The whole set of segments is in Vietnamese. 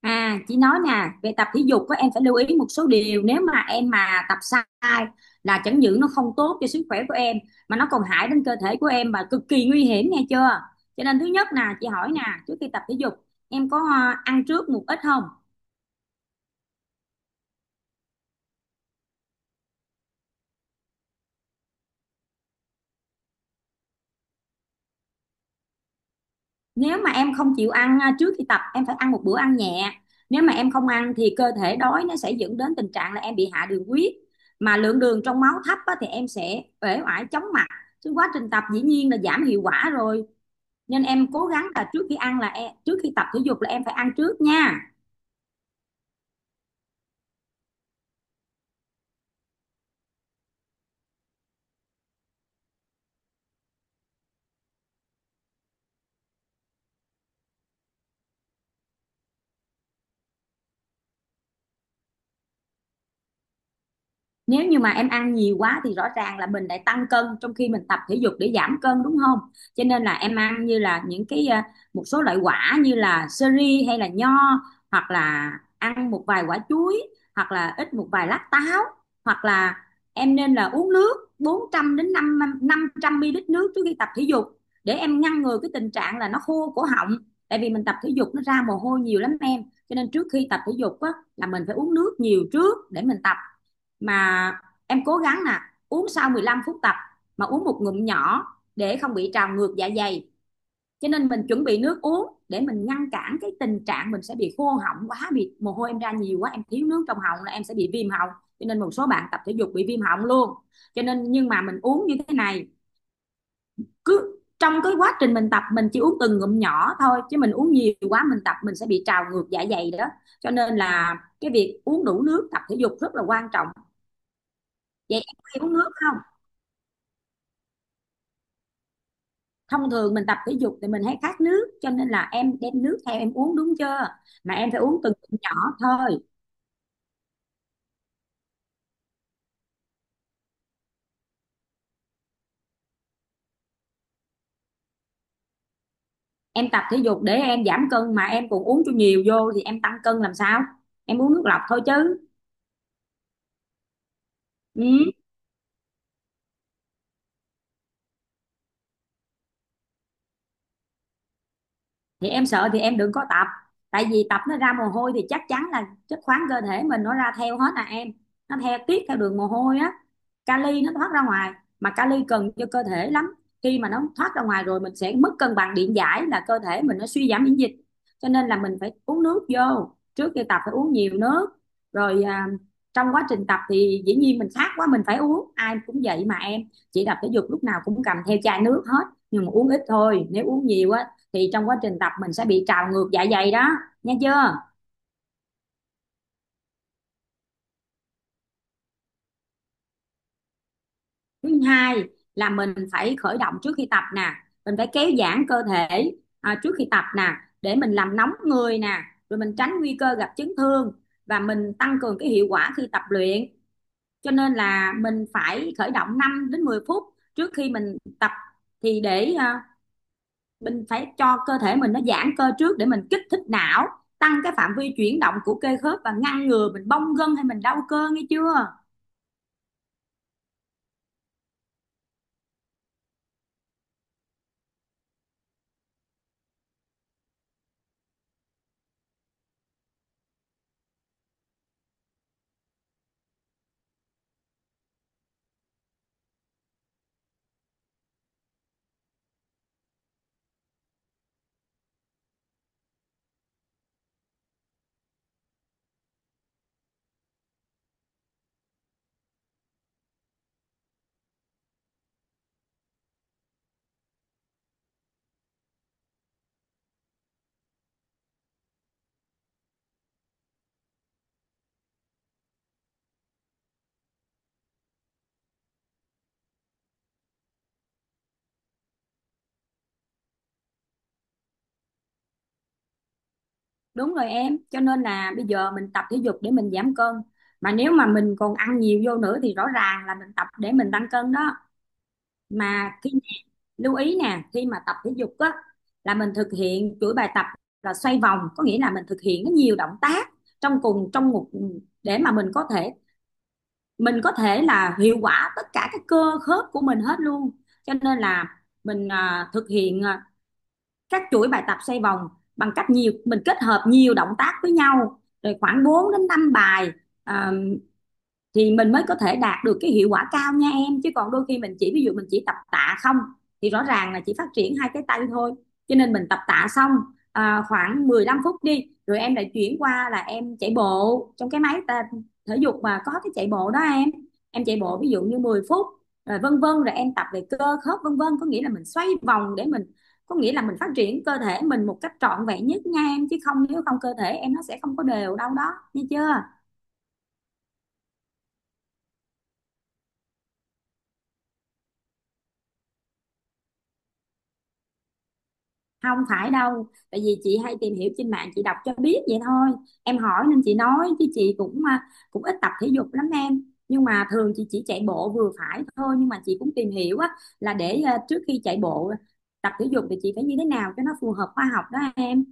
À, chị nói nè, về tập thể dục á, em phải lưu ý một số điều nếu mà em mà tập sai là chẳng những nó không tốt cho sức khỏe của em mà nó còn hại đến cơ thể của em và cực kỳ nguy hiểm nghe chưa? Cho nên thứ nhất nè, chị hỏi nè, trước khi tập thể dục em có ăn trước một ít không? Nếu mà em không chịu ăn trước khi tập em phải ăn một bữa ăn nhẹ. Nếu mà em không ăn thì cơ thể đói nó sẽ dẫn đến tình trạng là em bị hạ đường huyết mà lượng đường trong máu thấp á, thì em sẽ uể oải chóng mặt. Chứ quá trình tập dĩ nhiên là giảm hiệu quả rồi, nên em cố gắng là trước khi tập thể dục là em phải ăn trước nha. Nếu như mà em ăn nhiều quá thì rõ ràng là mình lại tăng cân trong khi mình tập thể dục để giảm cân đúng không. Cho nên là em ăn như là những cái một số loại quả như là sơ ri hay là nho, hoặc là ăn một vài quả chuối, hoặc là ít một vài lát táo, hoặc là em nên là uống nước 400 đến năm năm trăm ml nước trước khi tập thể dục để em ngăn ngừa cái tình trạng là nó khô cổ họng, tại vì mình tập thể dục nó ra mồ hôi nhiều lắm em. Cho nên trước khi tập thể dục á, là mình phải uống nước nhiều trước để mình tập. Mà em cố gắng nè, uống sau 15 phút tập mà uống một ngụm nhỏ để không bị trào ngược dạ dày. Cho nên mình chuẩn bị nước uống để mình ngăn cản cái tình trạng mình sẽ bị khô họng quá, bị mồ hôi em ra nhiều quá, em thiếu nước trong họng là em sẽ bị viêm họng. Cho nên một số bạn tập thể dục bị viêm họng luôn. Cho nên nhưng mà mình uống như thế này, cứ trong cái quá trình mình tập mình chỉ uống từng ngụm nhỏ thôi, chứ mình uống nhiều quá mình tập mình sẽ bị trào ngược dạ dày đó. Cho nên là cái việc uống đủ nước tập thể dục rất là quan trọng. Vậy em có hay uống nước không? Thông thường mình tập thể dục thì mình hay khát nước, cho nên là em đem nước theo em uống đúng chưa. Mà em phải uống từng ngụm nhỏ thôi. Em tập thể dục để em giảm cân mà em còn uống cho nhiều vô thì em tăng cân làm sao. Em uống nước lọc thôi chứ. Ừ. Thì em sợ thì em đừng có tập. Tại vì tập nó ra mồ hôi thì chắc chắn là chất khoáng cơ thể mình nó ra theo hết à em, nó theo tiết theo đường mồ hôi á, kali nó thoát ra ngoài, mà kali cần cho cơ thể lắm. Khi mà nó thoát ra ngoài rồi mình sẽ mất cân bằng điện giải, là cơ thể mình nó suy giảm miễn dịch. Cho nên là mình phải uống nước vô trước khi tập, phải uống nhiều nước. Rồi trong quá trình tập thì dĩ nhiên mình khát quá mình phải uống, ai cũng vậy mà em. Chị tập thể dục lúc nào cũng cầm theo chai nước hết, nhưng mà uống ít thôi, nếu uống nhiều á thì trong quá trình tập mình sẽ bị trào ngược dạ dày đó, nha chưa. Thứ hai là mình phải khởi động trước khi tập nè, mình phải kéo giãn cơ thể trước khi tập nè, để mình làm nóng người nè, rồi mình tránh nguy cơ gặp chấn thương và mình tăng cường cái hiệu quả khi tập luyện. Cho nên là mình phải khởi động 5 đến 10 phút trước khi mình tập, thì để mình phải cho cơ thể mình nó giãn cơ trước để mình kích thích não, tăng cái phạm vi chuyển động của cơ khớp và ngăn ngừa mình bong gân hay mình đau cơ nghe chưa. Đúng rồi em, cho nên là bây giờ mình tập thể dục để mình giảm cân. Mà nếu mà mình còn ăn nhiều vô nữa thì rõ ràng là mình tập để mình tăng cân đó. Mà khi lưu ý nè, khi mà tập thể dục á là mình thực hiện chuỗi bài tập là xoay vòng, có nghĩa là mình thực hiện nó nhiều động tác trong cùng trong một, để mà mình có thể là hiệu quả tất cả các cơ khớp của mình hết luôn. Cho nên là mình thực hiện các chuỗi bài tập xoay vòng, bằng cách nhiều mình kết hợp nhiều động tác với nhau rồi khoảng 4 đến 5 bài, à, thì mình mới có thể đạt được cái hiệu quả cao nha em. Chứ còn đôi khi mình chỉ, ví dụ mình chỉ tập tạ không thì rõ ràng là chỉ phát triển hai cái tay thôi. Cho nên mình tập tạ xong khoảng 15 phút đi, rồi em lại chuyển qua là em chạy bộ trong cái máy thể dục mà có cái chạy bộ đó em chạy bộ ví dụ như 10 phút rồi vân vân, rồi em tập về cơ khớp vân vân, có nghĩa là mình xoay vòng để mình, có nghĩa là mình phát triển cơ thể mình một cách trọn vẹn nhất nha em, chứ không nếu không cơ thể em nó sẽ không có đều đâu đó, nghe chưa. Không phải đâu, tại vì chị hay tìm hiểu trên mạng, chị đọc cho biết vậy thôi. Em hỏi nên chị nói, chứ chị cũng cũng ít tập thể dục lắm em. Nhưng mà thường chị chỉ chạy bộ vừa phải thôi, nhưng mà chị cũng tìm hiểu á là để trước khi chạy bộ tập thể dục thì chị phải như thế nào cho nó phù hợp khoa học đó em.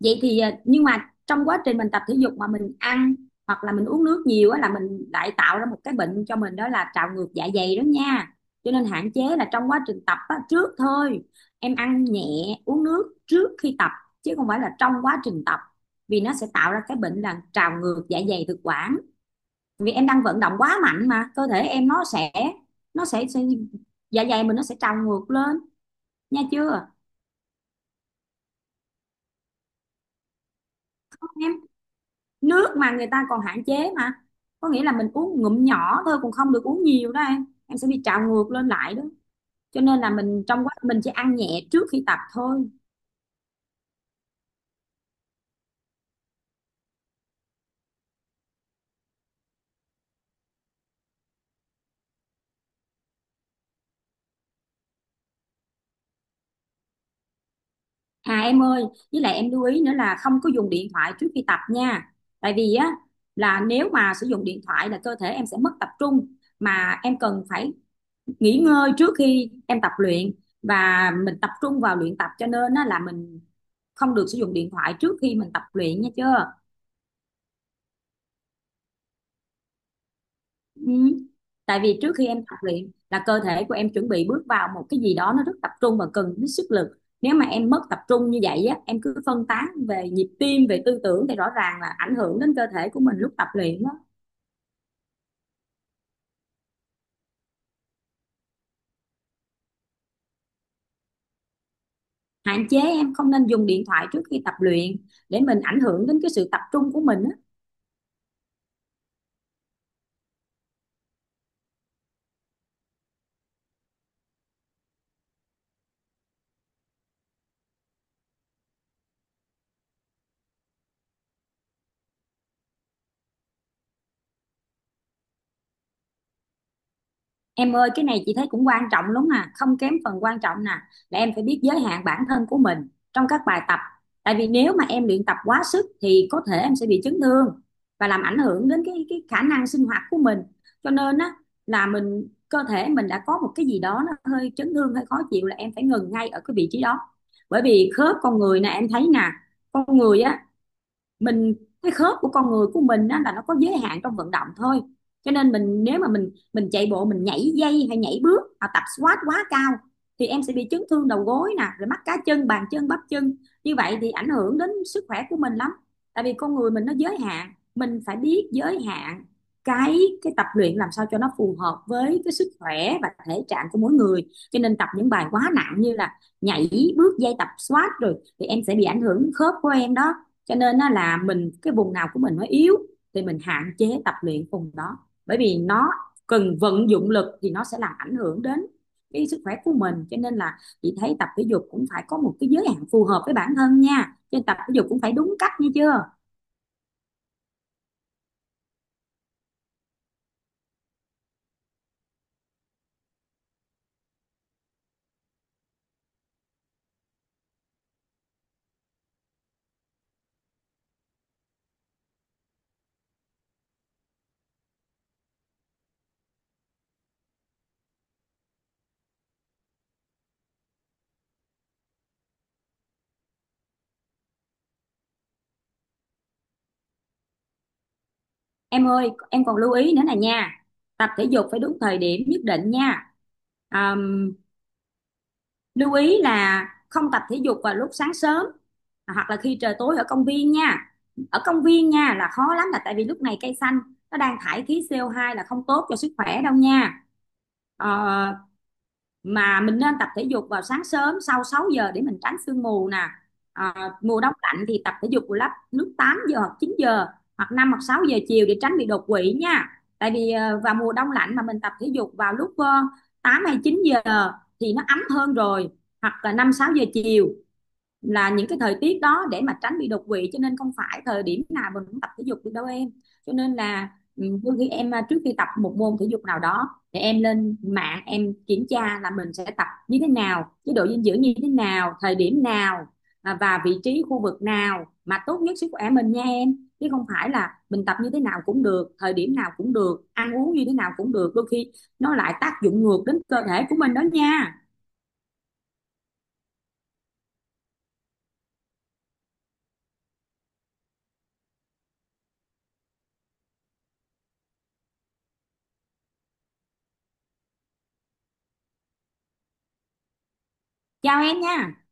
Vậy thì nhưng mà trong quá trình mình tập thể dục mà mình ăn hoặc là mình uống nước nhiều á, là mình lại tạo ra một cái bệnh cho mình, đó là trào ngược dạ dày đó nha. Cho nên hạn chế là trong quá trình tập á, trước thôi em ăn nhẹ, uống nước trước khi tập, chứ không phải là trong quá trình tập, vì nó sẽ tạo ra cái bệnh là trào ngược dạ dày thực quản. Vì em đang vận động quá mạnh mà cơ thể em nó sẽ dạ dày mình nó sẽ trào ngược lên, nha chưa. Nước mà người ta còn hạn chế mà, có nghĩa là mình uống ngụm nhỏ thôi, cũng không được uống nhiều đó em sẽ bị trào ngược lên lại đó. Cho nên là mình trong quá mình chỉ ăn nhẹ trước khi tập thôi. À em ơi, với lại em lưu ý nữa là không có dùng điện thoại trước khi tập nha. Tại vì á là nếu mà sử dụng điện thoại là cơ thể em sẽ mất tập trung, mà em cần phải nghỉ ngơi trước khi em tập luyện, và mình tập trung vào luyện tập. Cho nên á, là mình không được sử dụng điện thoại trước khi mình tập luyện, nha chưa. Ừ. Tại vì trước khi em tập luyện là cơ thể của em chuẩn bị bước vào một cái gì đó nó rất tập trung và cần đến sức lực. Nếu mà em mất tập trung như vậy á, em cứ phân tán về nhịp tim, về tư tưởng thì rõ ràng là ảnh hưởng đến cơ thể của mình lúc tập luyện đó. Hạn chế, em không nên dùng điện thoại trước khi tập luyện để mình ảnh hưởng đến cái sự tập trung của mình á. Em ơi, cái này chị thấy cũng quan trọng lắm, không kém phần quan trọng nè, là em phải biết giới hạn bản thân của mình trong các bài tập. Tại vì nếu mà em luyện tập quá sức thì có thể em sẽ bị chấn thương và làm ảnh hưởng đến cái khả năng sinh hoạt của mình. Cho nên á là mình, cơ thể mình đã có một cái gì đó nó hơi chấn thương, hơi khó chịu là em phải ngừng ngay ở cái vị trí đó. Bởi vì khớp con người nè, em thấy nè, con người á, mình, cái khớp của con người của mình á, là nó có giới hạn trong vận động thôi. Cho nên mình, nếu mà mình chạy bộ, mình nhảy dây hay nhảy bước, hoặc tập squat quá cao thì em sẽ bị chấn thương đầu gối nè, rồi mắt cá chân, bàn chân, bắp chân, như vậy thì ảnh hưởng đến sức khỏe của mình lắm. Tại vì con người mình nó giới hạn, mình phải biết giới hạn cái tập luyện làm sao cho nó phù hợp với cái sức khỏe và thể trạng của mỗi người. Cho nên tập những bài quá nặng như là nhảy bước dây, tập squat rồi thì em sẽ bị ảnh hưởng khớp của em đó. Cho nên nó là mình, cái vùng nào của mình nó yếu thì mình hạn chế tập luyện vùng đó, bởi vì nó cần vận dụng lực thì nó sẽ làm ảnh hưởng đến cái sức khỏe của mình. Cho nên là chị thấy tập thể dục cũng phải có một cái giới hạn phù hợp với bản thân nha, cho nên tập thể dục cũng phải đúng cách nghe chưa. Em ơi, em còn lưu ý nữa nè nha, tập thể dục phải đúng thời điểm nhất định nha. à, Lưu ý là không tập thể dục vào lúc sáng sớm hoặc là khi trời tối ở công viên nha, ở công viên nha là khó lắm, là tại vì lúc này cây xanh nó đang thải khí CO2 là không tốt cho sức khỏe đâu nha. Ờ, mà mình nên tập thể dục vào sáng sớm sau 6 giờ để mình tránh sương mù nè. à, Mùa đông lạnh thì tập thể dục vào lúc lúc 8 giờ hoặc 9 giờ, hoặc 5 hoặc 6 giờ chiều để tránh bị đột quỵ nha. Tại vì vào mùa đông lạnh mà mình tập thể dục vào lúc 8 hay 9 giờ thì nó ấm hơn rồi, hoặc là 5 6 giờ chiều, là những cái thời tiết đó để mà tránh bị đột quỵ. Cho nên không phải thời điểm nào mình cũng tập thể dục được đâu em. Cho nên là đôi khi em trước khi tập một môn thể dục nào đó, để em lên mạng em kiểm tra là mình sẽ tập như thế nào, chế độ dinh dưỡng như thế nào, thời điểm nào, và vị trí khu vực nào mà tốt nhất sức khỏe mình nha em. Chứ không phải là mình tập như thế nào cũng được, thời điểm nào cũng được, ăn uống như thế nào cũng được, đôi khi nó lại tác dụng ngược đến cơ thể của mình đó nha. Chào em nha.